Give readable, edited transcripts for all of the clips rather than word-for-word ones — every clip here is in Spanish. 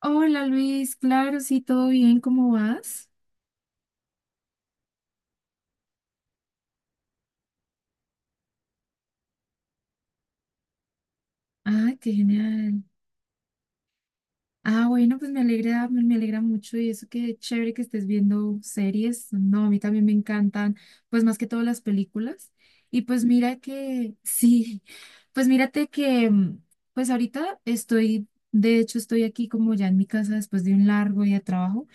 Hola Luis, claro, sí, todo bien, ¿cómo vas? Ah, qué genial. Ah, bueno, pues me alegra, me alegra mucho y eso que chévere que estés viendo series. No, a mí también me encantan, pues más que todo las películas. Y pues mira que, sí, pues mírate que, pues ahorita estoy, de hecho estoy aquí como ya en mi casa después de un largo día de trabajo.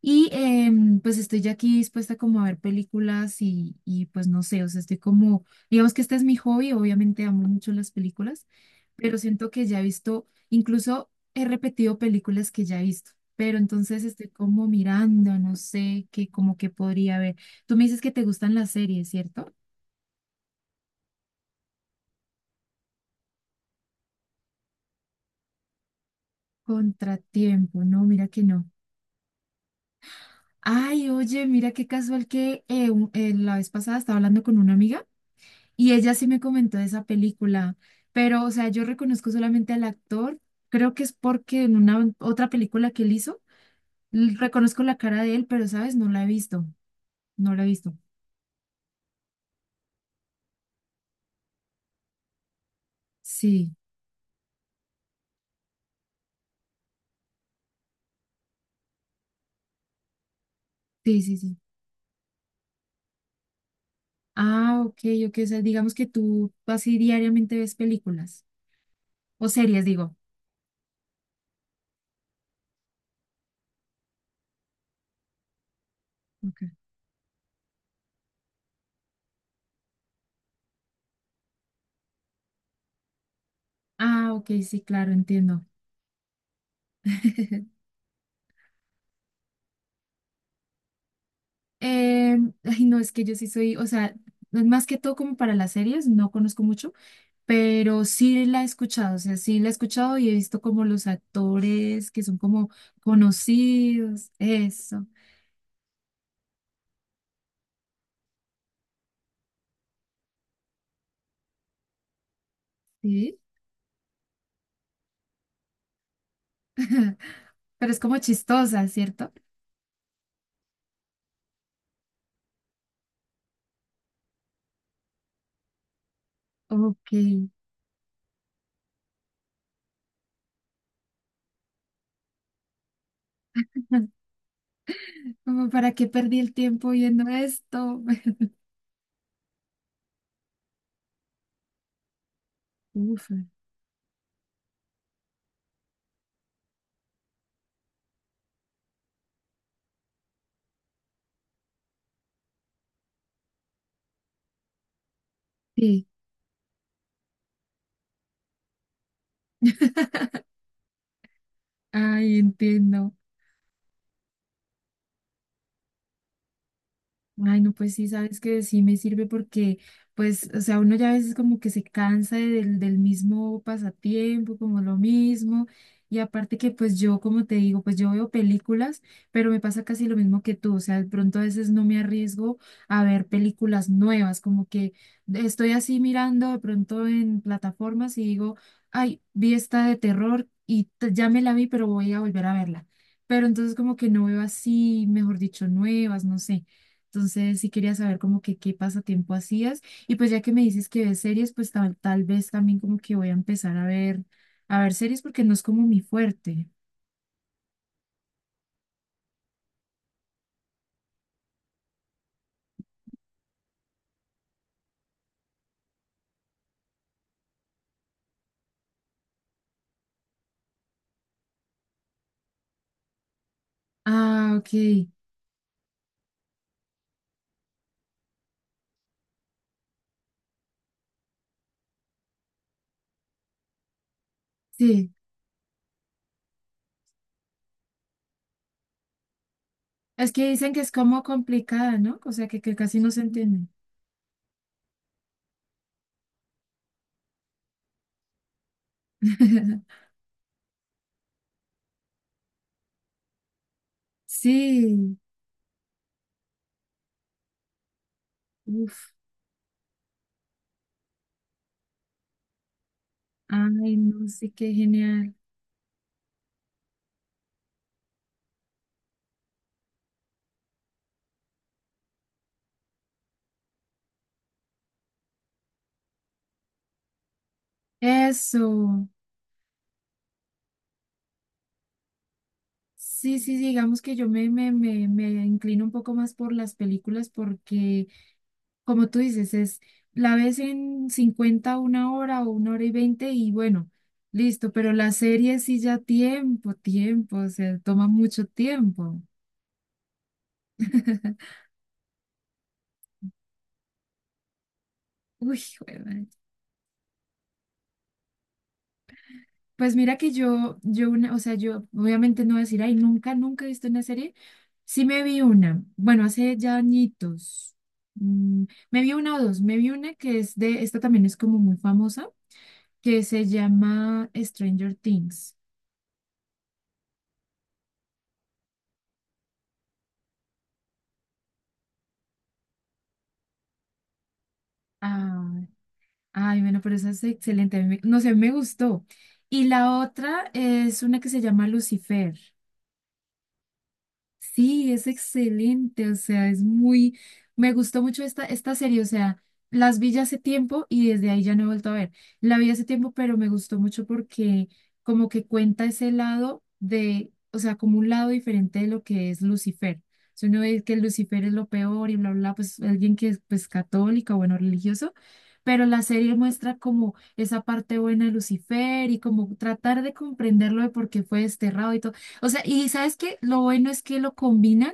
Pues estoy ya aquí dispuesta como a ver películas y pues no sé, o sea, estoy como, digamos que este es mi hobby, obviamente amo mucho las películas, pero siento que ya he visto, incluso he repetido películas que ya he visto, pero entonces estoy como mirando, no sé, qué como que podría ver. Tú me dices que te gustan las series, ¿cierto? Contratiempo, no, mira que no. Ay, oye, mira qué casual que la vez pasada estaba hablando con una amiga. Y ella sí me comentó de esa película, pero, o sea, yo reconozco solamente al actor, creo que es porque en una otra película que él hizo, reconozco la cara de él, pero, ¿sabes? No la he visto, no la he visto. Sí, sí, sí, sí. Ah, ok, ok, o sea, digamos que tú así diariamente ves películas, o series, digo. Ok. Ah, ok, sí, claro, entiendo. Ay, no, es que yo sí soy, o sea, más que todo como para las series, no conozco mucho, pero sí la he escuchado, o sea, sí la he escuchado y he visto como los actores que son como conocidos, eso, sí, pero es como chistosa, ¿cierto? Ok, como para qué perdí el tiempo viendo esto. Uf, sí, ay, entiendo. Ay, no, pues sí, sabes que sí me sirve porque, pues, o sea, uno ya a veces como que se cansa de- del, del mismo pasatiempo, como lo mismo. Y aparte que, pues, yo, como te digo, pues yo veo películas, pero me pasa casi lo mismo que tú. O sea, de pronto a veces no me arriesgo a ver películas nuevas, como que estoy así mirando de pronto en plataformas y digo, ay, vi esta de terror y ya me la vi, pero voy a volver a verla. Pero entonces como que no veo así, mejor dicho, nuevas, no sé. Entonces sí quería saber como que qué pasatiempo hacías. Y pues ya que me dices que ves series, pues tal vez también como que voy a empezar a ver, series porque no es como mi fuerte. Ah, ok. Sí. Es que dicen que es como complicada, ¿no? O sea, que casi no se entiende. Sí. Uf. Ay, no sé qué genial. Eso. Sí, sí, sí, digamos que yo me inclino un poco más por las películas porque como tú dices, es la ves en 50 una hora o una hora y 20 y bueno, listo, pero la serie sí ya tiempo, tiempo, o sea, toma mucho tiempo. Uy, juemadre. Pues mira que yo una, o sea, yo obviamente no voy a decir, ay, nunca, nunca he visto una serie. Sí me vi una, bueno, hace ya añitos. Mm, Me vi una o dos, me vi una que es de, esta también es como muy famosa, que se llama Stranger Things. Ah, ay, bueno, pero esa es excelente. A mí me- no sé, me gustó. Y la otra es una que se llama Lucifer. Sí, es excelente, o sea, es muy, me gustó mucho esta serie, o sea, las vi ya hace tiempo y desde ahí ya no he vuelto a ver. La vi hace tiempo, pero me gustó mucho porque como que cuenta ese lado de, o sea, como un lado diferente de lo que es Lucifer. Si uno ve que Lucifer es lo peor y bla, bla, bla, pues alguien que es pues católico, bueno, religioso, pero la serie muestra como esa parte buena de Lucifer y como tratar de comprenderlo de por qué fue desterrado y todo. O sea, y ¿sabes qué? Lo bueno es que lo combinan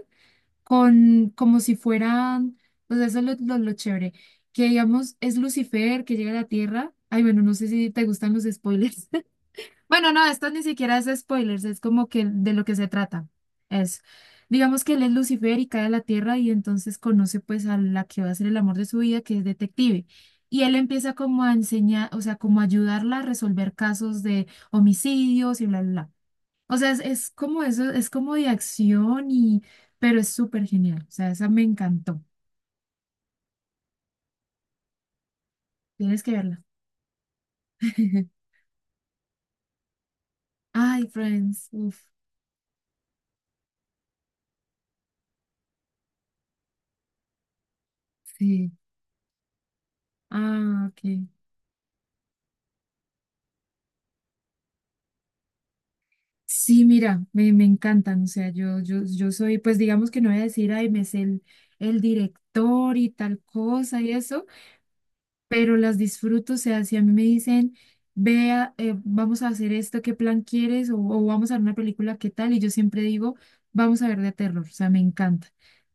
con como si fueran, o sea, eso es lo chévere, que digamos es Lucifer que llega a la Tierra. Ay, bueno, no sé si te gustan los spoilers. Bueno, no, esto ni siquiera es spoilers, es como que de lo que se trata. Es, digamos que él es Lucifer y cae a la Tierra y entonces conoce pues a la que va a ser el amor de su vida, que es detective. Y él empieza como a enseñar, o sea, como a ayudarla a resolver casos de homicidios y bla, bla, bla. O sea, es como eso, es como de acción y, pero es súper genial. O sea, esa me encantó. Tienes que verla. Ay, Friends. Uf, sí. Ah, ok. Sí, mira, me encantan. O sea, yo soy, pues digamos que no voy a decir, ay, me sé el director y tal cosa y eso, pero las disfruto. O sea, si a mí me dicen, vea, vamos a hacer esto, ¿qué plan quieres? O vamos a ver una película, ¿qué tal? Y yo siempre digo, vamos a ver de terror. O sea, me encanta.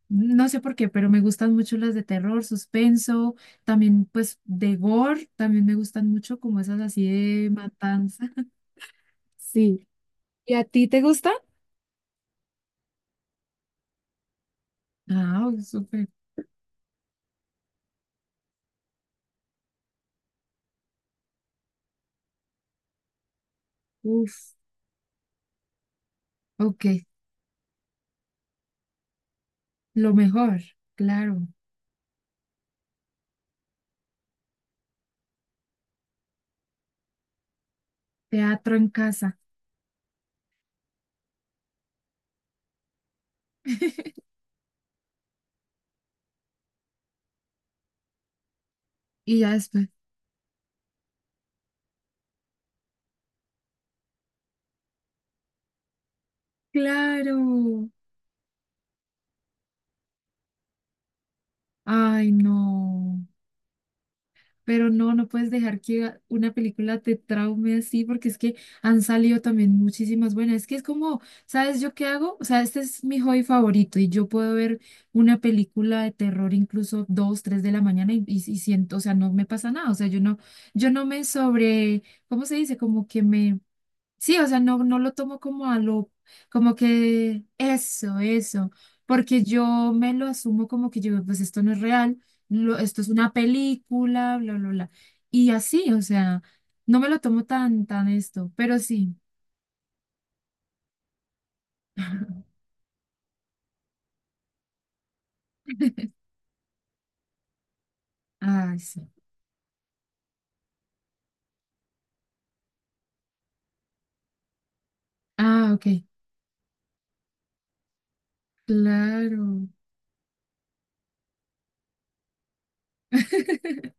No sé por qué, pero me gustan mucho las de terror, suspenso, también pues de gore, también me gustan mucho como esas así de matanza. Sí. ¿Y a ti te gusta? Ah, oh, súper. Uf, ok, lo mejor, claro. Teatro en casa. Y ya después. Claro. Ay, no. Pero no, no puedes dejar que una película te traume así, porque es que han salido también muchísimas buenas. Es que es como, ¿sabes yo qué hago? O sea, este es mi hobby favorito y yo puedo ver una película de terror incluso dos, tres de la mañana y siento, o sea, no me pasa nada. O sea, yo no, yo no me sobre, ¿cómo se dice? Como que me. Sí, o sea, no, no lo tomo como a lo, como que eso, porque yo me lo asumo como que yo, pues esto no es real, esto es una película, bla, bla, bla. Y así, o sea, no me lo tomo tan, tan esto, pero sí. Ah, sí. Ah, ok, claro.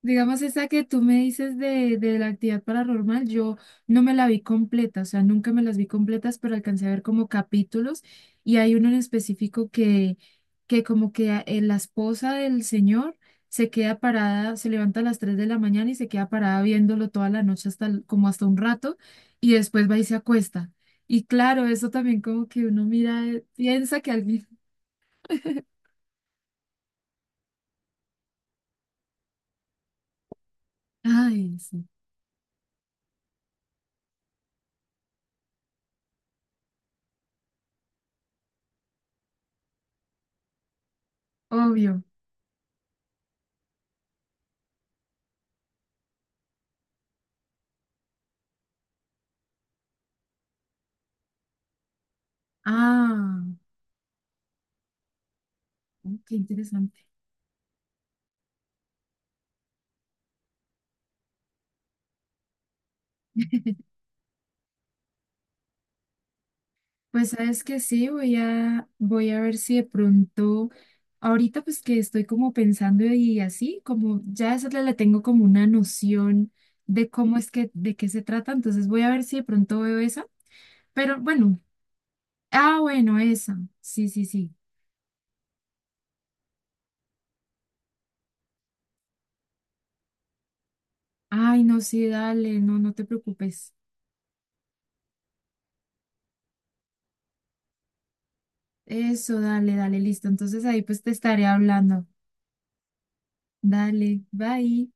Digamos, esa que tú me dices de, la actividad paranormal, yo no me la vi completa, o sea, nunca me las vi completas, pero alcancé a ver como capítulos y hay uno en específico que como que la esposa del señor se queda parada, se levanta a las 3 de la mañana y se queda parada viéndolo toda la noche hasta como hasta un rato y después va y se acuesta. Y claro, eso también como que uno mira, piensa que alguien... Ay, sí, obvio. Ah, oh, qué interesante. Pues sabes que sí, voy a ver si de pronto, ahorita pues que estoy como pensando y así, como ya esa le tengo como una noción de cómo es que, de qué se trata, entonces voy a ver si de pronto veo esa, pero bueno, ah, bueno, esa, sí, sí, sí. Ay, no, sí, dale, no, no te preocupes. Eso, dale, dale, listo. Entonces ahí pues te estaré hablando. Dale, bye.